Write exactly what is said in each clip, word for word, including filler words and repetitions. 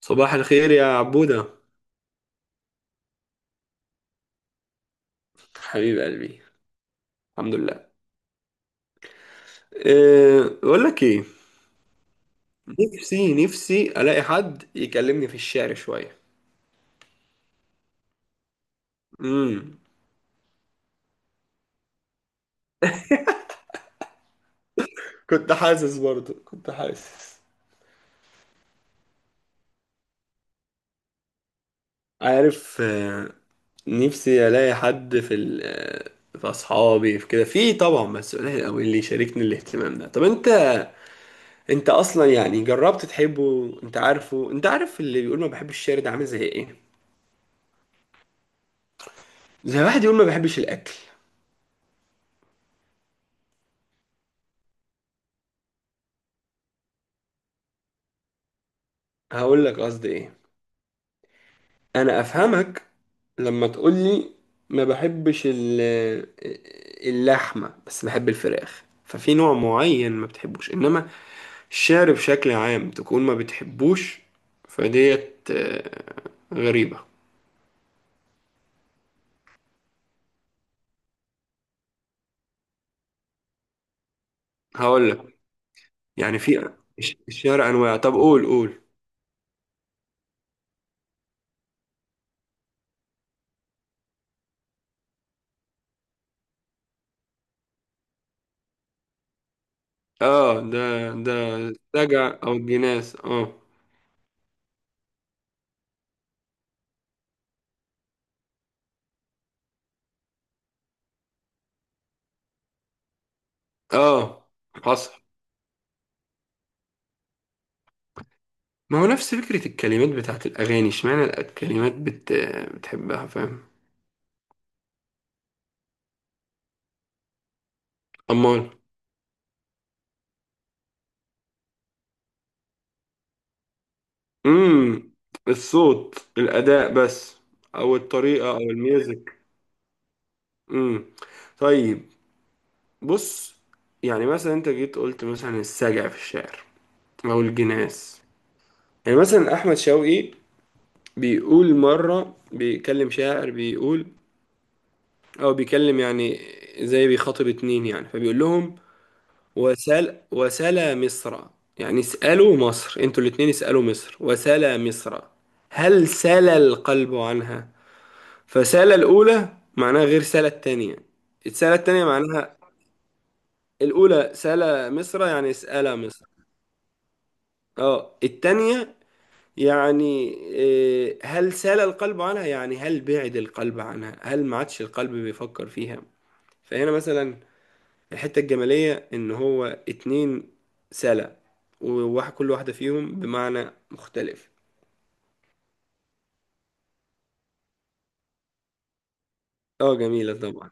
صباح الخير يا عبودة، حبيب قلبي. الحمد لله. أه بقول لك ايه. نفسي نفسي الاقي حد يكلمني في الشعر شوية. امم كنت حاسس، برضو كنت حاسس. عارف آه، نفسي الاقي حد في ال آه، في اصحابي، في كده، في طبعا، بس قليل قوي اللي يشاركني الاهتمام ده. طب انت انت اصلا يعني جربت تحبه؟ انت عارفه انت عارف اللي بيقول ما بحبش الشعر ده عامل زي ايه؟ زي واحد يقول ما بحبش الاكل. هقول لك قصدي ايه. انا افهمك لما تقولي ما بحبش ال- اللحمه بس بحب الفراخ، ففي نوع معين ما بتحبوش، انما الشعر بشكل عام تكون ما بتحبوش. فديت آه، غريبه. هقول لك يعني في الش- الشعر انواع. طب قول قول. اه، ده ده رجع او الجناس. اه. اه حصل. ما هو نفس فكره الكلمات بتاعت الاغاني، اشمعنى الكلمات بت... بتحبها؟ فاهم. امال. امم الصوت، الأداء بس. أو الطريقة أو الميوزك. امم طيب، بص. يعني مثلا أنت جيت قلت مثلا السجع في الشعر أو الجناس. يعني مثلا أحمد شوقي بيقول مرة بيكلم شاعر، بيقول أو بيكلم، يعني زي بيخاطب اتنين، يعني فبيقول لهم وسل وسلا مصر. يعني اسألوا مصر، انتوا الاتنين اسألوا مصر. وسلا مصر هل سلا القلب عنها. فسالة الأولى معناها غير سالة التانية. السالة التانية معناها، الأولى سالة مصر يعني سألة مصر. اه التانية يعني إيه، هل سال القلب عنها، يعني هل بعد القلب عنها، هل ما عادش القلب بيفكر فيها. فهنا مثلا الحتة الجمالية إن هو اتنين سالة، وواحد كل واحدة فيهم بمعنى مختلف. اه جميلة طبعا.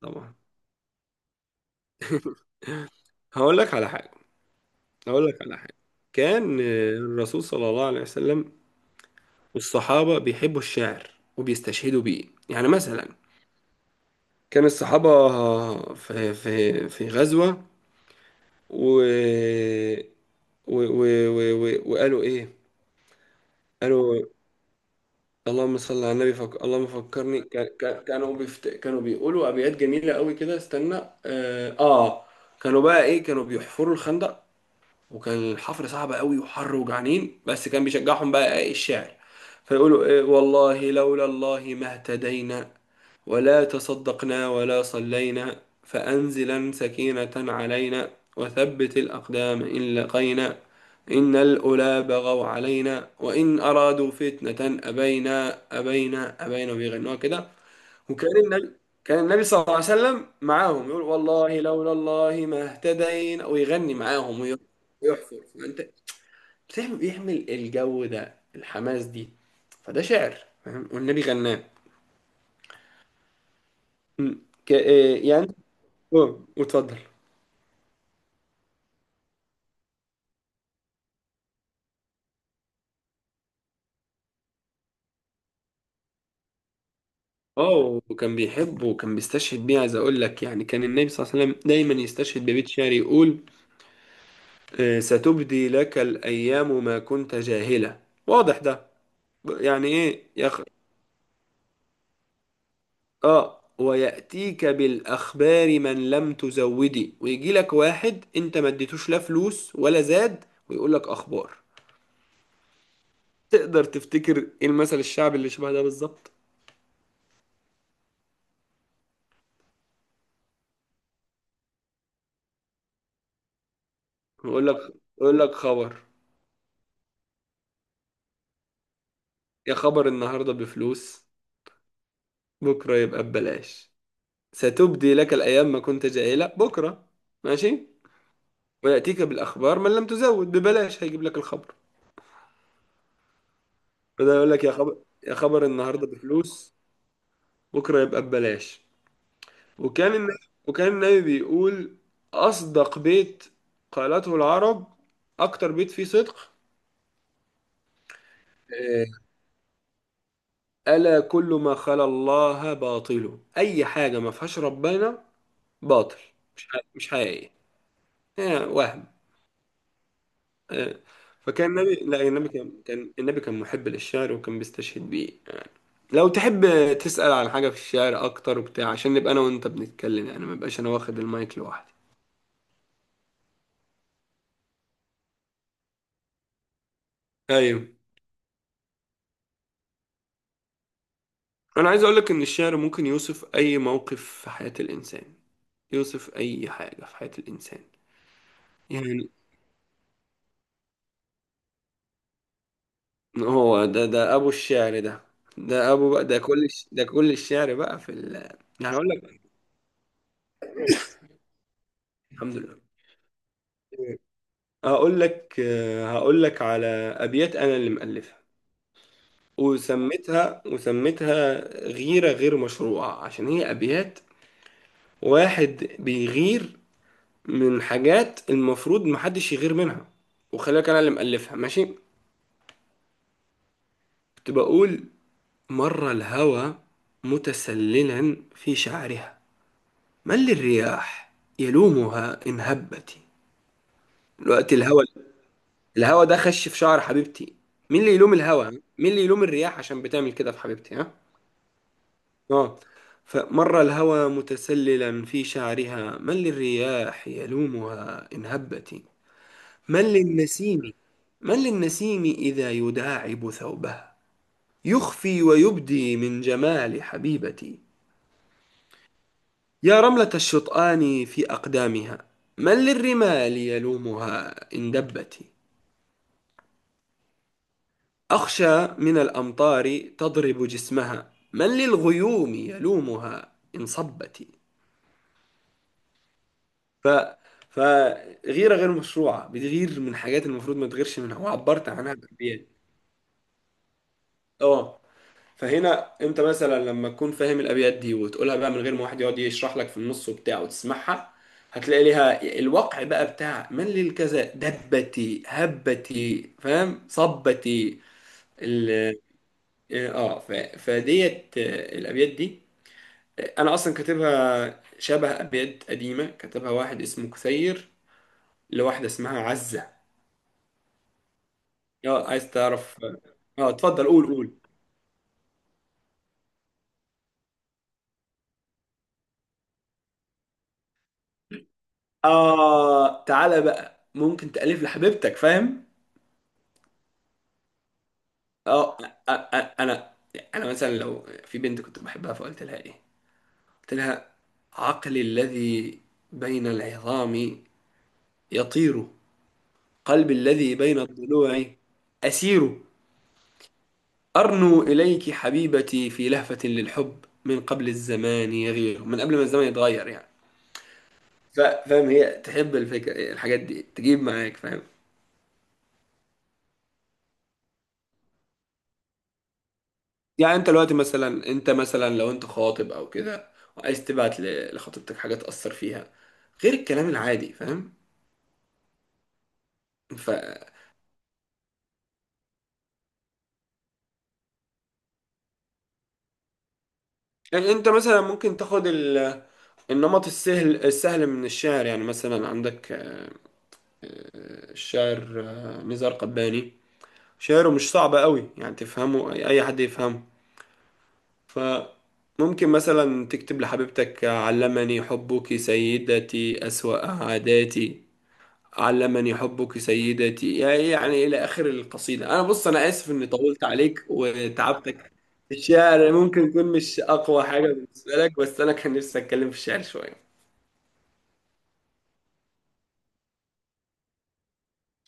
طبعا. هقول لك على حاجة. هقول لك على حاجة. كان آه، الرسول صلى الله عليه وسلم والصحابة بيحبوا الشعر وبيستشهدوا بيه. يعني مثلا كان الصحابة في في في غزوة و و و و و وقالوا إيه؟ قالوا اللهم صل على النبي. فك... اللهم فكرني. ك... ك... كانوا بيفت... كانوا بيقولوا أبيات جميلة قوي كده. استنى آه... آه كانوا بقى إيه، كانوا بيحفروا الخندق. وكان الحفر صعب قوي وحر وجعانين، بس كان بيشجعهم بقى إيه؟ الشعر. فيقولوا إيه والله لولا الله ما اهتدينا ولا تصدقنا ولا صلينا، فأنزلا سكينة علينا وثبت الأقدام إن لقينا، إن الأولى بغوا علينا وإن أرادوا فتنة أبينا أبينا أبينا. وبيغنوها كده. وكان النبي، كان النبي صلى الله عليه وسلم معاهم يقول والله لولا الله ما اهتدينا، ويغني معاهم ويح- ويحفر. فأنت بتعمل- بيعمل الجو ده، الحماس دي، فده شعر. فاهم؟ والنبي غناه. م. ك- آه، يعني. اه واتفضل. اه وكان بيحبه وكان بيستشهد بيه. عايز اقول لك، يعني كان النبي صلى الله عليه وسلم دايما يستشهد ببيت شعر، يقول آه، ستبدي لك الايام ما كنت جاهلة. واضح ده، يعني ايه يا أخ... اه، وياتيك بالاخبار من لم تزودي. ويجي لك واحد انت ما اديتوش لا فلوس ولا زاد ويقول لك اخبار. تقدر تفتكر ايه المثل الشعبي اللي شبه ده بالظبط؟ يقول لك، يقول لك خبر، يا خبر النهارده بفلوس بكرة يبقى ببلاش. ستبدي لك الأيام ما كنت جاهلة بكرة، ماشي. ويأتيك بالأخبار من لم تزود، ببلاش هيجيب لك الخبر. بدل يقول لك يا خبر، يا خبر النهاردة بفلوس بكرة يبقى ببلاش. وكان النبي وكان النبي بيقول أصدق بيت قالته العرب، أكتر بيت فيه صدق آه، ألا كل ما خلا الله باطله. أي حاجة ما فيهاش ربنا باطل، مش ح- مش حقيقي آه، وهم. آه، فكان النبي لا النبي كان كان النبي كان محب للشعر وكان بيستشهد بيه. لو تحب تسأل عن حاجة في الشعر أكتر وبتاع عشان نبقى أنا وأنت بنتكلم، يعني ما بقاش أنا واخد المايك لوحدي. أيوة، أنا عايز أقولك إن الشعر ممكن يوصف أي موقف في حياة الإنسان، يوصف أي حاجة في حياة الإنسان. يعني هو ده ده أبو الشعر ده. ده أبو بقى، ده كل الش- ده كل الشعر بقى في ال. يعني أقول لك الحمد لله. هقول لك هقول لك على أبيات أنا اللي مألفها، وسميتها وسميتها غيرة غير مشروعة عشان هي أبيات واحد بيغير من حاجات المفروض محدش يغير منها. وخليك أنا اللي مألفها، ماشي. كنت بقول مر الهوى متسللا في شعرها، من للرياح يلومها إن هبت. دلوقتي الهوى، الهوى ده خش في شعر حبيبتي، مين اللي يلوم الهوى؟ مين اللي يلوم الرياح عشان بتعمل كده في حبيبتي؟ ها؟ آه. فمر الهوى متسللا في شعرها، من للرياح يلومها إن هبت. من للنسيم، من للنسيم إذا يداعب ثوبها، يخفي ويبدي من جمال حبيبتي. يا رملة الشطآن في أقدامها، من للرمال يلومها إن دبت. أخشى من الأمطار تضرب جسمها، من للغيوم يلومها إن صبت. ف فغيره غير مشروعه، بتغير من حاجات المفروض ما تغيرش منها، وعبرت عنها بابيات. اه فهنا انت مثلا لما تكون فاهم الابيات دي وتقولها بقى من غير ما واحد يقعد يشرح لك في النص وبتاع، وتسمعها هتلاقي ليها الوقع بقى بتاع من للكذا دبتي هبتي، فاهم، صبتي. ال اه ف... فديت آه، الابيات دي انا اصلا كاتبها شبه ابيات قديمه كتبها واحد اسمه كثير، لواحده اسمها عزه. اه عايز تعرف؟ اه اتفضل قول قول. اه تعالى بقى، ممكن تألف لحبيبتك، فاهم؟ اه أ- أ- انا انا مثلا لو في بنت كنت بحبها، فقلت لها ايه؟ قلت لها عقلي الذي بين العظام يطير، قلبي الذي بين الضلوع أسير، أرنو إليك حبيبتي في لهفة للحب من قبل الزمان يغير. من قبل ما الزمان يتغير، يعني. ف- فاهم؟ هي تحب الفكرة، الحاجات دي تجيب معاك، فاهم؟ يعني انت دلوقتي مثلا، انت مثلا لو انت خاطب او كده وعايز تبعت ل- لخطيبتك حاجه تأثر فيها غير الكلام العادي، فاهم؟ ف يعني انت مثلا ممكن تاخد ال... النمط السهل السهل من الشعر. يعني مثلا عندك آه، آه، الشاعر آه، نزار قباني، شعره مش صعب قوي، يعني تفهمه، اي أي حد يفهمه. فممكن مثلا تكتب لحبيبتك علمني حبك سيدتي أسوأ عاداتي، علمني حبك سيدتي، يعني يعني إلى آخر القصيدة. أنا بص أنا آسف إني طولت عليك وتعبتك. الشعر ممكن يكون مش أقوى حاجة بالنسبة لك، بس أنا كان نفسي أتكلم في الشعر شوية.